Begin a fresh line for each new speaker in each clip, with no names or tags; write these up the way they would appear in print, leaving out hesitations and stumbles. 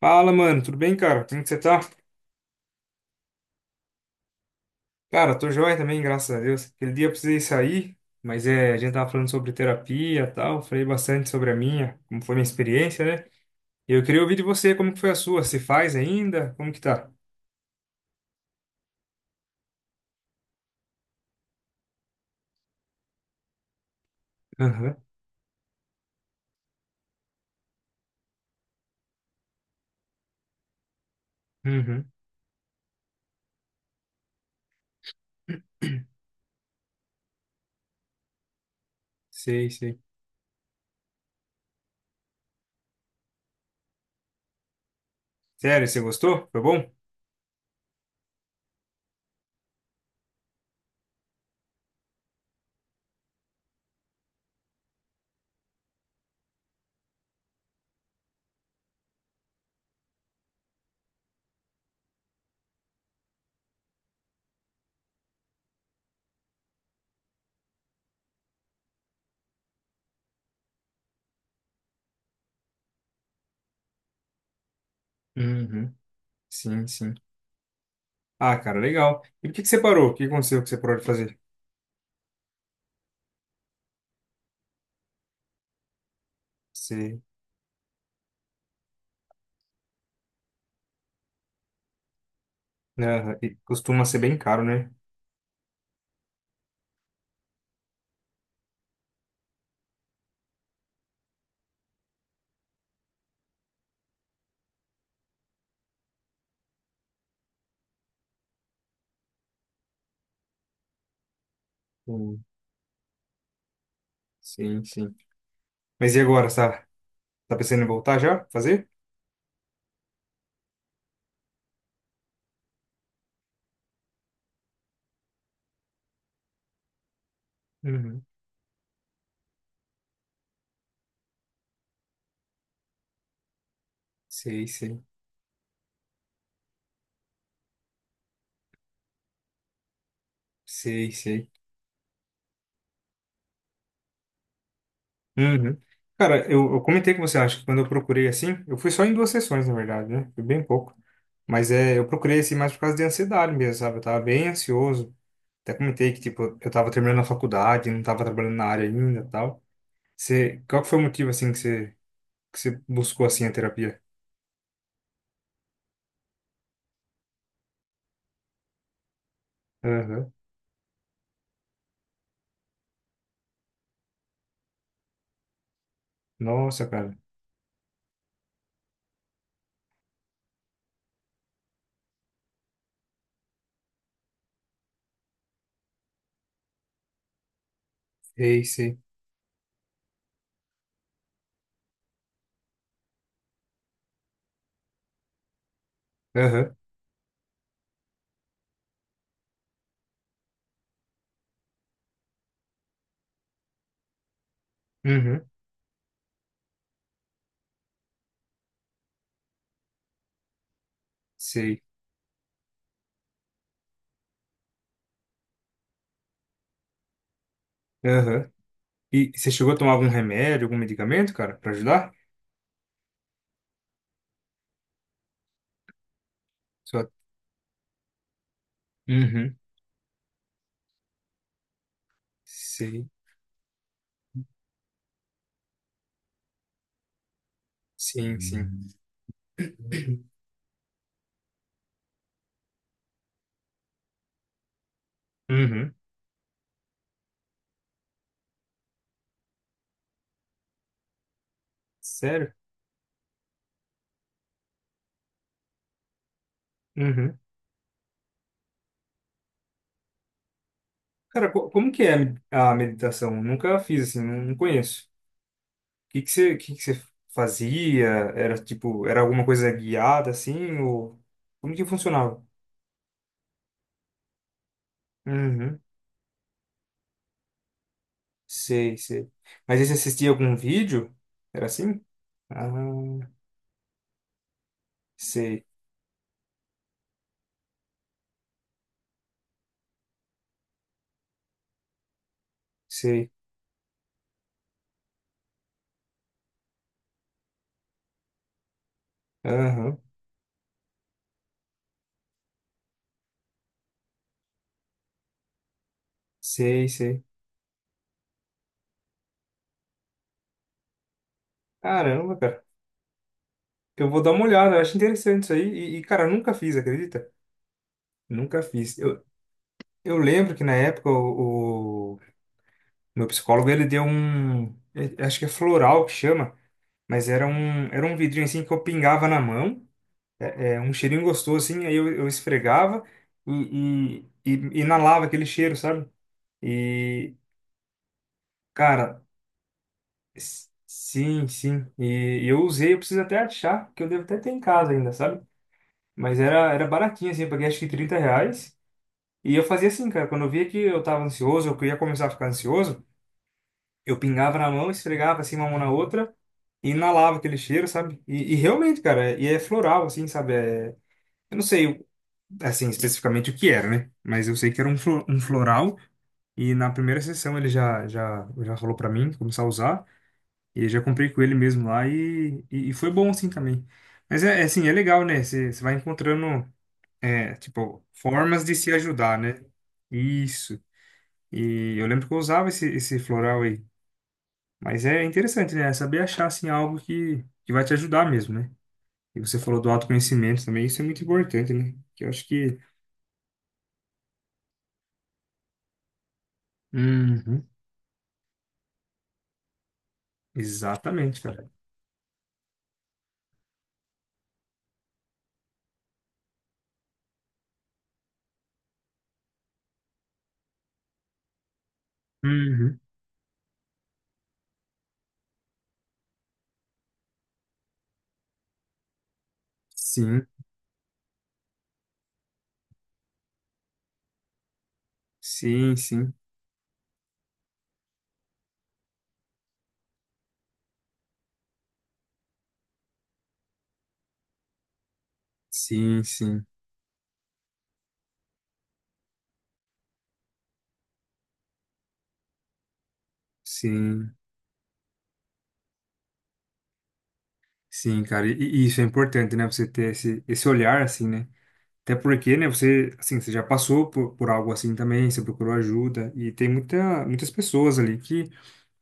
Fala, mano, tudo bem, cara? Como que você tá? Cara, tô joia também, graças a Deus. Aquele dia eu precisei sair, mas é, a gente tava falando sobre terapia e tal, falei bastante sobre a minha, como foi minha experiência, né? E eu queria ouvir de você, como que foi a sua? Se faz ainda? Como que tá? Aham, uhum, sei, sei. Sério, você gostou? Foi bom? Uhum, sim, sim. Ah, cara, legal. E por que que você parou? O que aconteceu que você parou de fazer? Sei. Aham, e costuma ser bem caro, né? Hum, sim, sim. Mas e agora, tá pensando em voltar já? Fazer? Uhum. Sei, sei. Sei, sei. Uhum. Cara, eu comentei com você, acho que quando eu procurei assim, eu fui só em duas sessões, na verdade, né? Foi bem pouco. Mas é, eu procurei assim mais por causa de ansiedade mesmo, sabe? Eu tava bem ansioso. Até comentei que, tipo, eu tava terminando a faculdade, não tava trabalhando na área ainda e tal. Você, qual que foi o motivo, assim, que você buscou, assim, a terapia? Aham. Nossa, cara. Sei, sei. Aham. Uhum. Sei. Aham. E você chegou a tomar algum remédio, algum medicamento, cara, pra ajudar? Só... Uhum. Sei. Sim, sim. Uhum. Sério? Uhum. Cara, como que é a a meditação? Nunca fiz assim, não conheço. O que que você fazia? Era tipo, era alguma coisa guiada assim ou como que funcionava? Uhum. Sei, sei. Mas aí você assistia algum vídeo? Era assim? Ah, sei, sei. Aham. Sei, sei. Caramba, cara. Eu vou dar uma olhada, eu acho interessante isso aí. Cara, eu nunca fiz, acredita? Nunca fiz. Eu lembro que na época o meu psicólogo ele deu um. Acho que é floral que chama, mas era era um vidrinho assim que eu pingava na mão, um cheirinho gostoso assim, aí eu esfregava e inalava aquele cheiro, sabe? E, cara, sim, sim. E, eu usei, eu preciso até achar, que eu devo até ter em casa ainda, sabe? Mas era baratinho assim, eu paguei acho que R$ 30. E eu fazia assim, cara, quando eu via que eu tava ansioso, ou que eu queria começar a ficar ansioso, eu pingava na mão, esfregava assim uma mão na outra e inalava aquele cheiro, sabe? E realmente, cara, e é floral, assim, sabe? É, eu não sei, assim, especificamente o que era, né? Mas eu sei que era um, um floral e na primeira sessão ele já falou pra mim começar a usar e eu já comprei com ele mesmo lá e foi bom, assim, também. Mas é, é assim, é legal, né? Você vai encontrando, é, tipo, formas de se ajudar, né? Isso. E eu lembro que eu usava esse floral aí. Mas é interessante, né? É saber achar, assim, algo que vai te ajudar mesmo, né? E você falou do autoconhecimento também, isso é muito importante, né? Que eu acho que... Uhum. Exatamente, cara. Uhum. Sim, sim, sim. Sim, sim, sim, sim, cara. E isso é importante, né? Você ter esse olhar, assim, né? Até porque, né? Você, assim, você já passou por algo assim também, você procurou ajuda. E tem muitas pessoas ali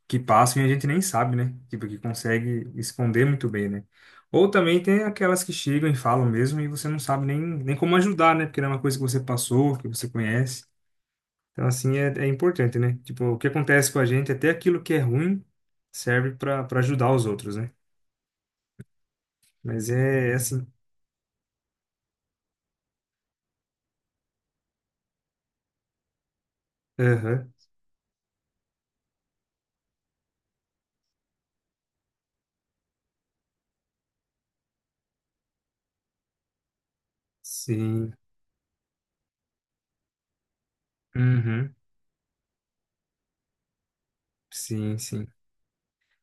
que passam e a gente nem sabe, né? Tipo, que consegue esconder muito bem, né? Ou também tem aquelas que chegam e falam mesmo e você não sabe nem como ajudar, né? Porque não é uma coisa que você passou, que você conhece. Então, assim, é, é importante, né? Tipo, o que acontece com a gente, até aquilo que é ruim, serve para ajudar os outros, né? Mas é, é assim. Aham. Sim. Uhum. Sim, sim.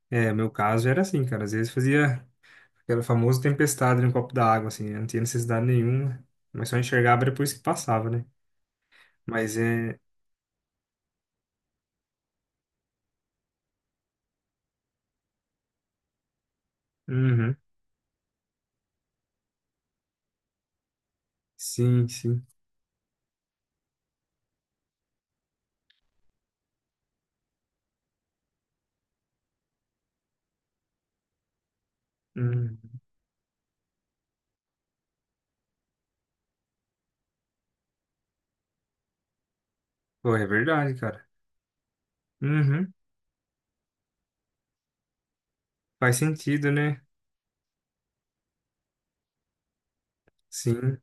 É, meu caso era assim, cara. Às vezes fazia aquela famosa tempestade no copo da água, assim. Eu não tinha necessidade nenhuma, mas só enxergava depois que passava, né? Mas é. Uhum. Sim, sim. Uhum. Pô, é verdade, cara. Uhum. Faz sentido, né? Sim.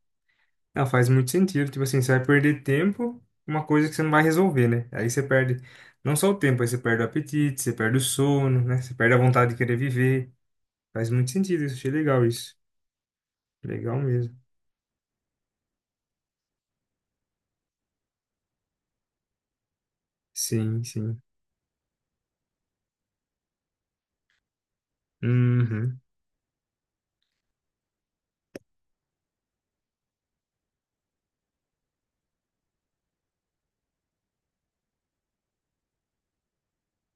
Não, faz muito sentido. Tipo assim, você vai perder tempo, uma coisa que você não vai resolver, né? Aí você perde não só o tempo, aí você perde o apetite, você perde o sono, né? Você perde a vontade de querer viver. Faz muito sentido isso. Achei legal isso. Legal mesmo. Sim, sim. Uhum.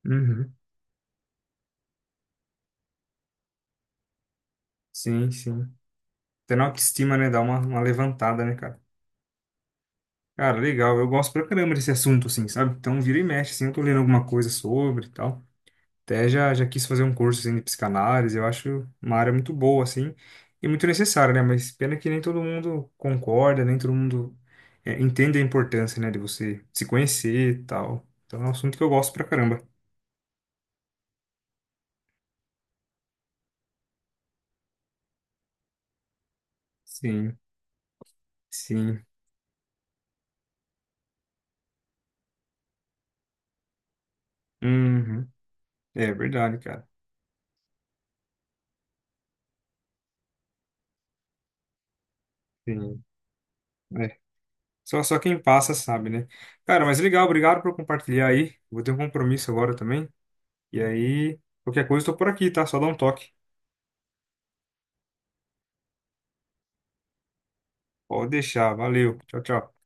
Uhum. Sim, sim. Até na autoestima, né? Dá uma levantada, né, cara? Cara, legal. Eu gosto pra caramba desse assunto, assim, sabe? Então, vira e mexe, assim, eu tô lendo alguma coisa sobre e tal. Até já quis fazer um curso, assim, de psicanálise. Eu acho uma área muito boa, assim, e muito necessária, né? Mas pena que nem todo mundo concorda, nem todo mundo é, entende a importância, né, de você se conhecer e tal. Então, é um assunto que eu gosto pra caramba. Sim, sim. Uhum. É verdade, cara. Sim. É. Só, só quem passa sabe, né? Cara, mas legal, obrigado por compartilhar aí. Vou ter um compromisso agora também. E aí, qualquer coisa, eu tô por aqui, tá? Só dá um toque. Pode deixar. Valeu. Tchau, tchau.